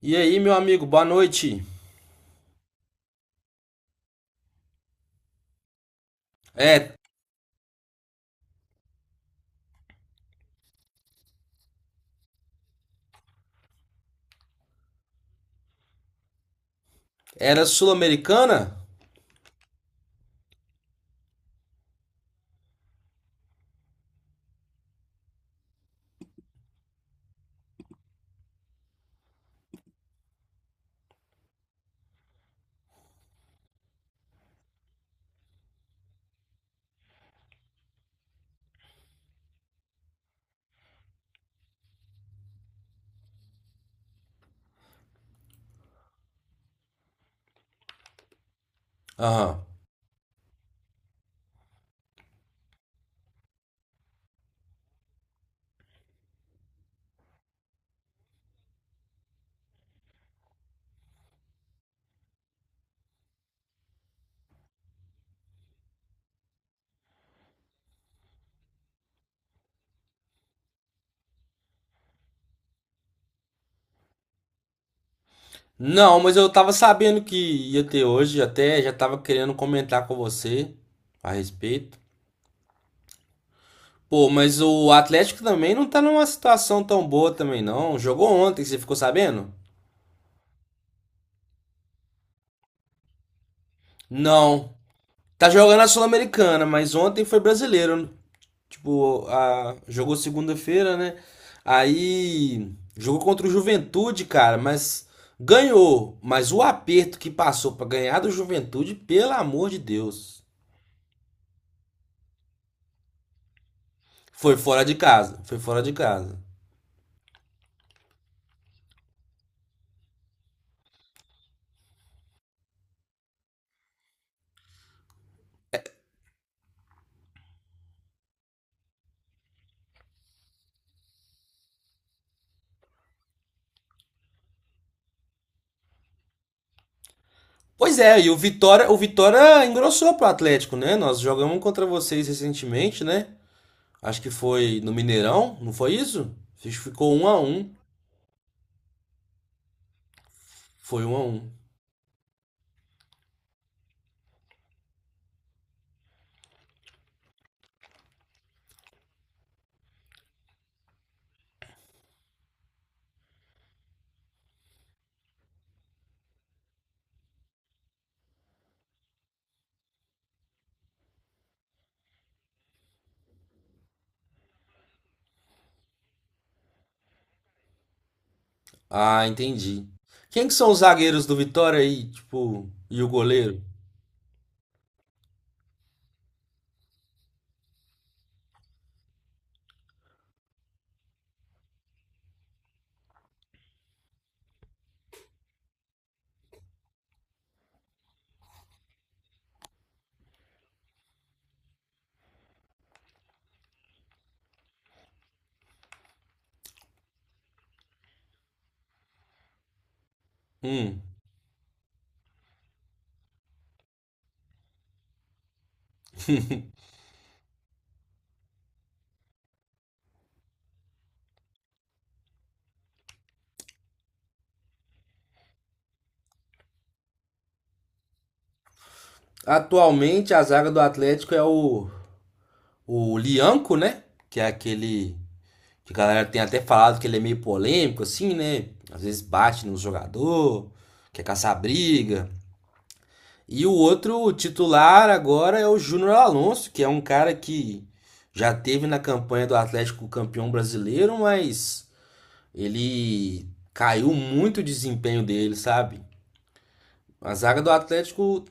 E aí, meu amigo, boa noite. É, era sul-americana? Aham. Não, mas eu tava sabendo que ia ter hoje, até já tava querendo comentar com você a respeito. Pô, mas o Atlético também não tá numa situação tão boa também não. Jogou ontem, você ficou sabendo? Não. Tá jogando a Sul-Americana, mas ontem foi brasileiro. Tipo, a, jogou segunda-feira, né? Aí jogou contra o Juventude, cara, mas ganhou. Mas o aperto que passou pra ganhar do Juventude, pelo amor de Deus. Foi fora de casa, foi fora de casa. Pois é, e o Vitória engrossou pro Atlético, né? Nós jogamos um contra vocês recentemente, né? Acho que foi no Mineirão, não foi isso? Acho que ficou um a um. Foi um a um. Ah, entendi. Quem que são os zagueiros do Vitória aí, tipo, e o goleiro? Hum. Atualmente a zaga do Atlético é o Lianco, né? Que é aquele que a galera tem até falado que ele é meio polêmico, assim, né? Às vezes bate no jogador, quer caçar briga. E o outro titular agora é o Júnior Alonso, que é um cara que já teve na campanha do Atlético campeão brasileiro, mas ele caiu muito o desempenho dele, sabe? A zaga do Atlético,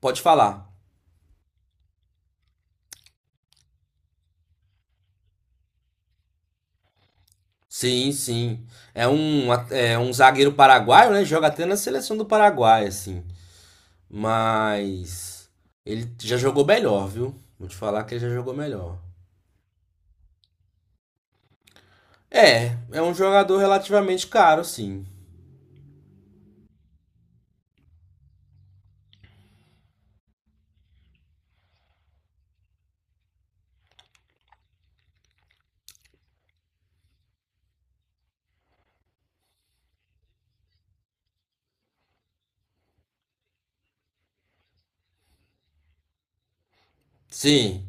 pode falar. Sim, sim. É um, é um zagueiro paraguaio, né? Joga até na seleção do Paraguai, assim. Mas ele já jogou melhor, viu? Vou te falar que ele já jogou melhor. É, é um jogador relativamente caro, sim. Sim.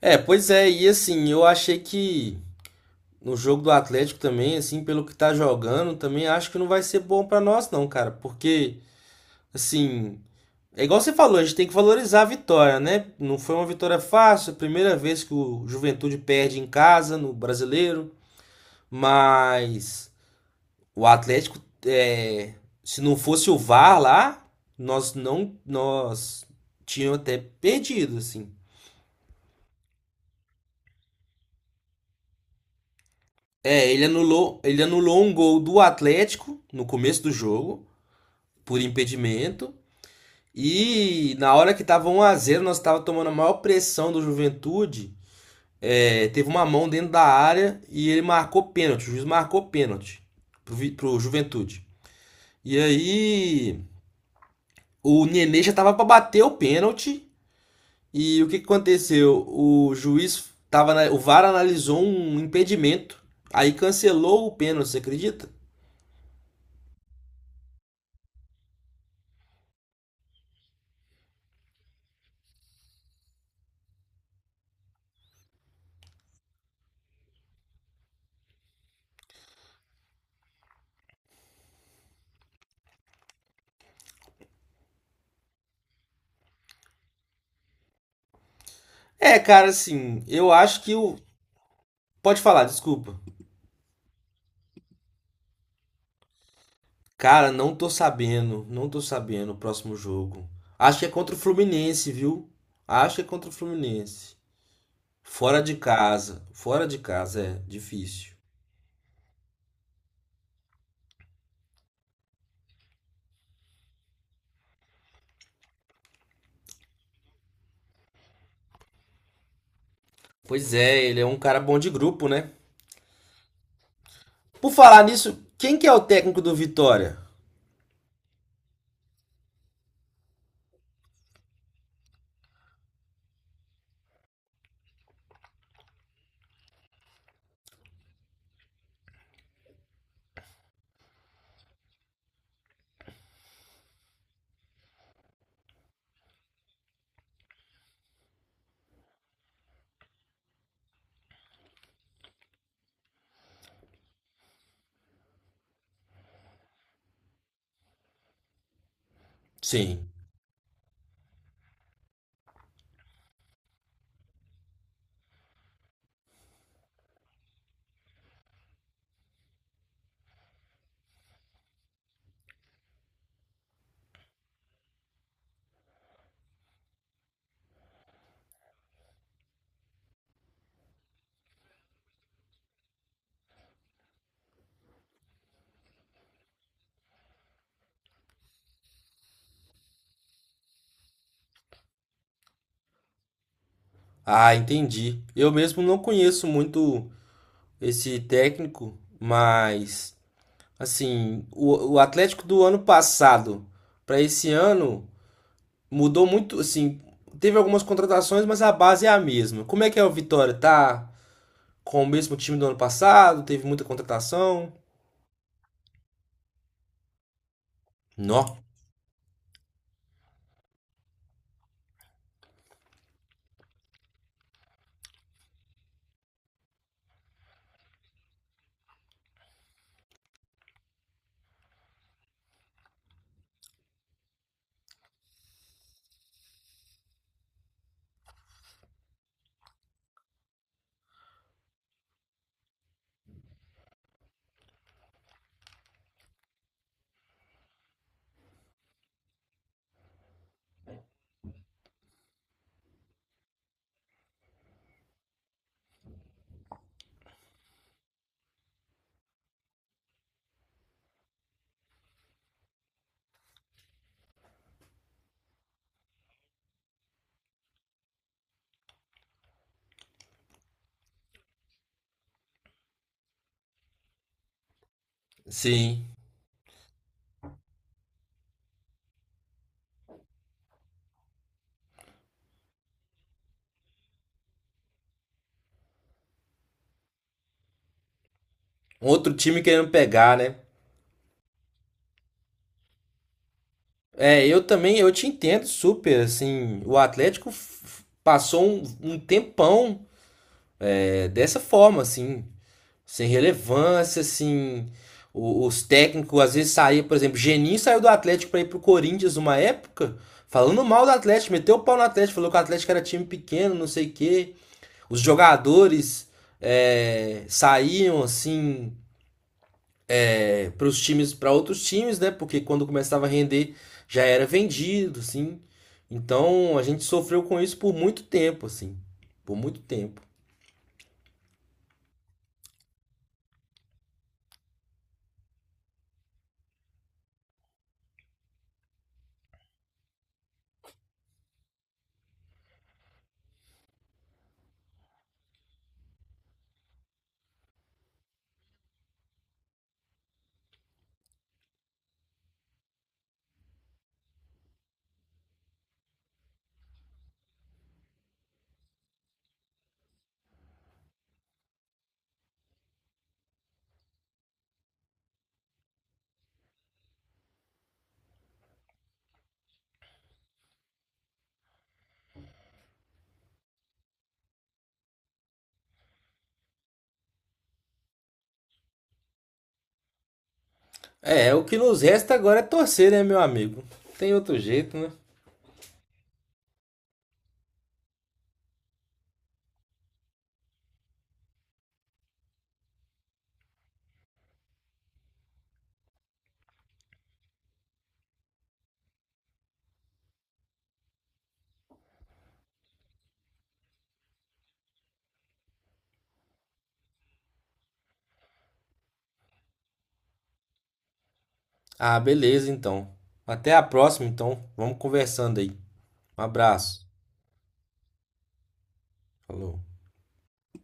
É, pois é, e assim, eu achei que no jogo do Atlético também, assim, pelo que tá jogando, também acho que não vai ser bom pra nós não, cara, porque assim, é igual você falou, a gente tem que valorizar a vitória, né? Não foi uma vitória fácil, primeira vez que o Juventude perde em casa, no brasileiro, mas o Atlético, é, se não fosse o VAR lá, nós não. Nós tínhamos até perdido, assim. É, ele anulou um gol do Atlético no começo do jogo, por impedimento. E na hora que tava um a zero nós tava tomando a maior pressão do Juventude. É, teve uma mão dentro da área e ele marcou pênalti. O juiz marcou pênalti pro Juventude. E aí o Nenê já tava pra bater o pênalti. E o que, que aconteceu? O juiz tava o VAR analisou um impedimento. Aí cancelou o pênalti, você acredita? É, cara, assim, eu acho que o. Pode falar, desculpa. Cara, não tô sabendo. Não tô sabendo o próximo jogo. Acho que é contra o Fluminense, viu? Acho que é contra o Fluminense. Fora de casa. Fora de casa é difícil. Pois é, ele é um cara bom de grupo, né? Por falar nisso, quem que é o técnico do Vitória? Sim. Ah, entendi. Eu mesmo não conheço muito esse técnico, mas assim, o Atlético do ano passado para esse ano mudou muito, assim, teve algumas contratações, mas a base é a mesma. Como é que é o Vitória? Tá com o mesmo time do ano passado? Teve muita contratação? Não. Sim. Um outro time querendo pegar, né? É, eu também, eu te entendo super, assim, o Atlético passou um, um tempão é, dessa forma, assim, sem relevância, assim, os técnicos às vezes saíam, por exemplo, Geninho saiu do Atlético para ir pro Corinthians uma época, falando mal do Atlético, meteu o pau no Atlético, falou que o Atlético era time pequeno, não sei o quê, os jogadores é, saíam, assim, para os times, para outros times, né? Porque quando começava a render já era vendido, assim. Então a gente sofreu com isso por muito tempo, assim, por muito tempo. É, é o que nos resta agora é torcer, né, meu amigo? Tem outro jeito, né? Ah, beleza, então. Até a próxima, então. Vamos conversando aí. Um abraço. Falou.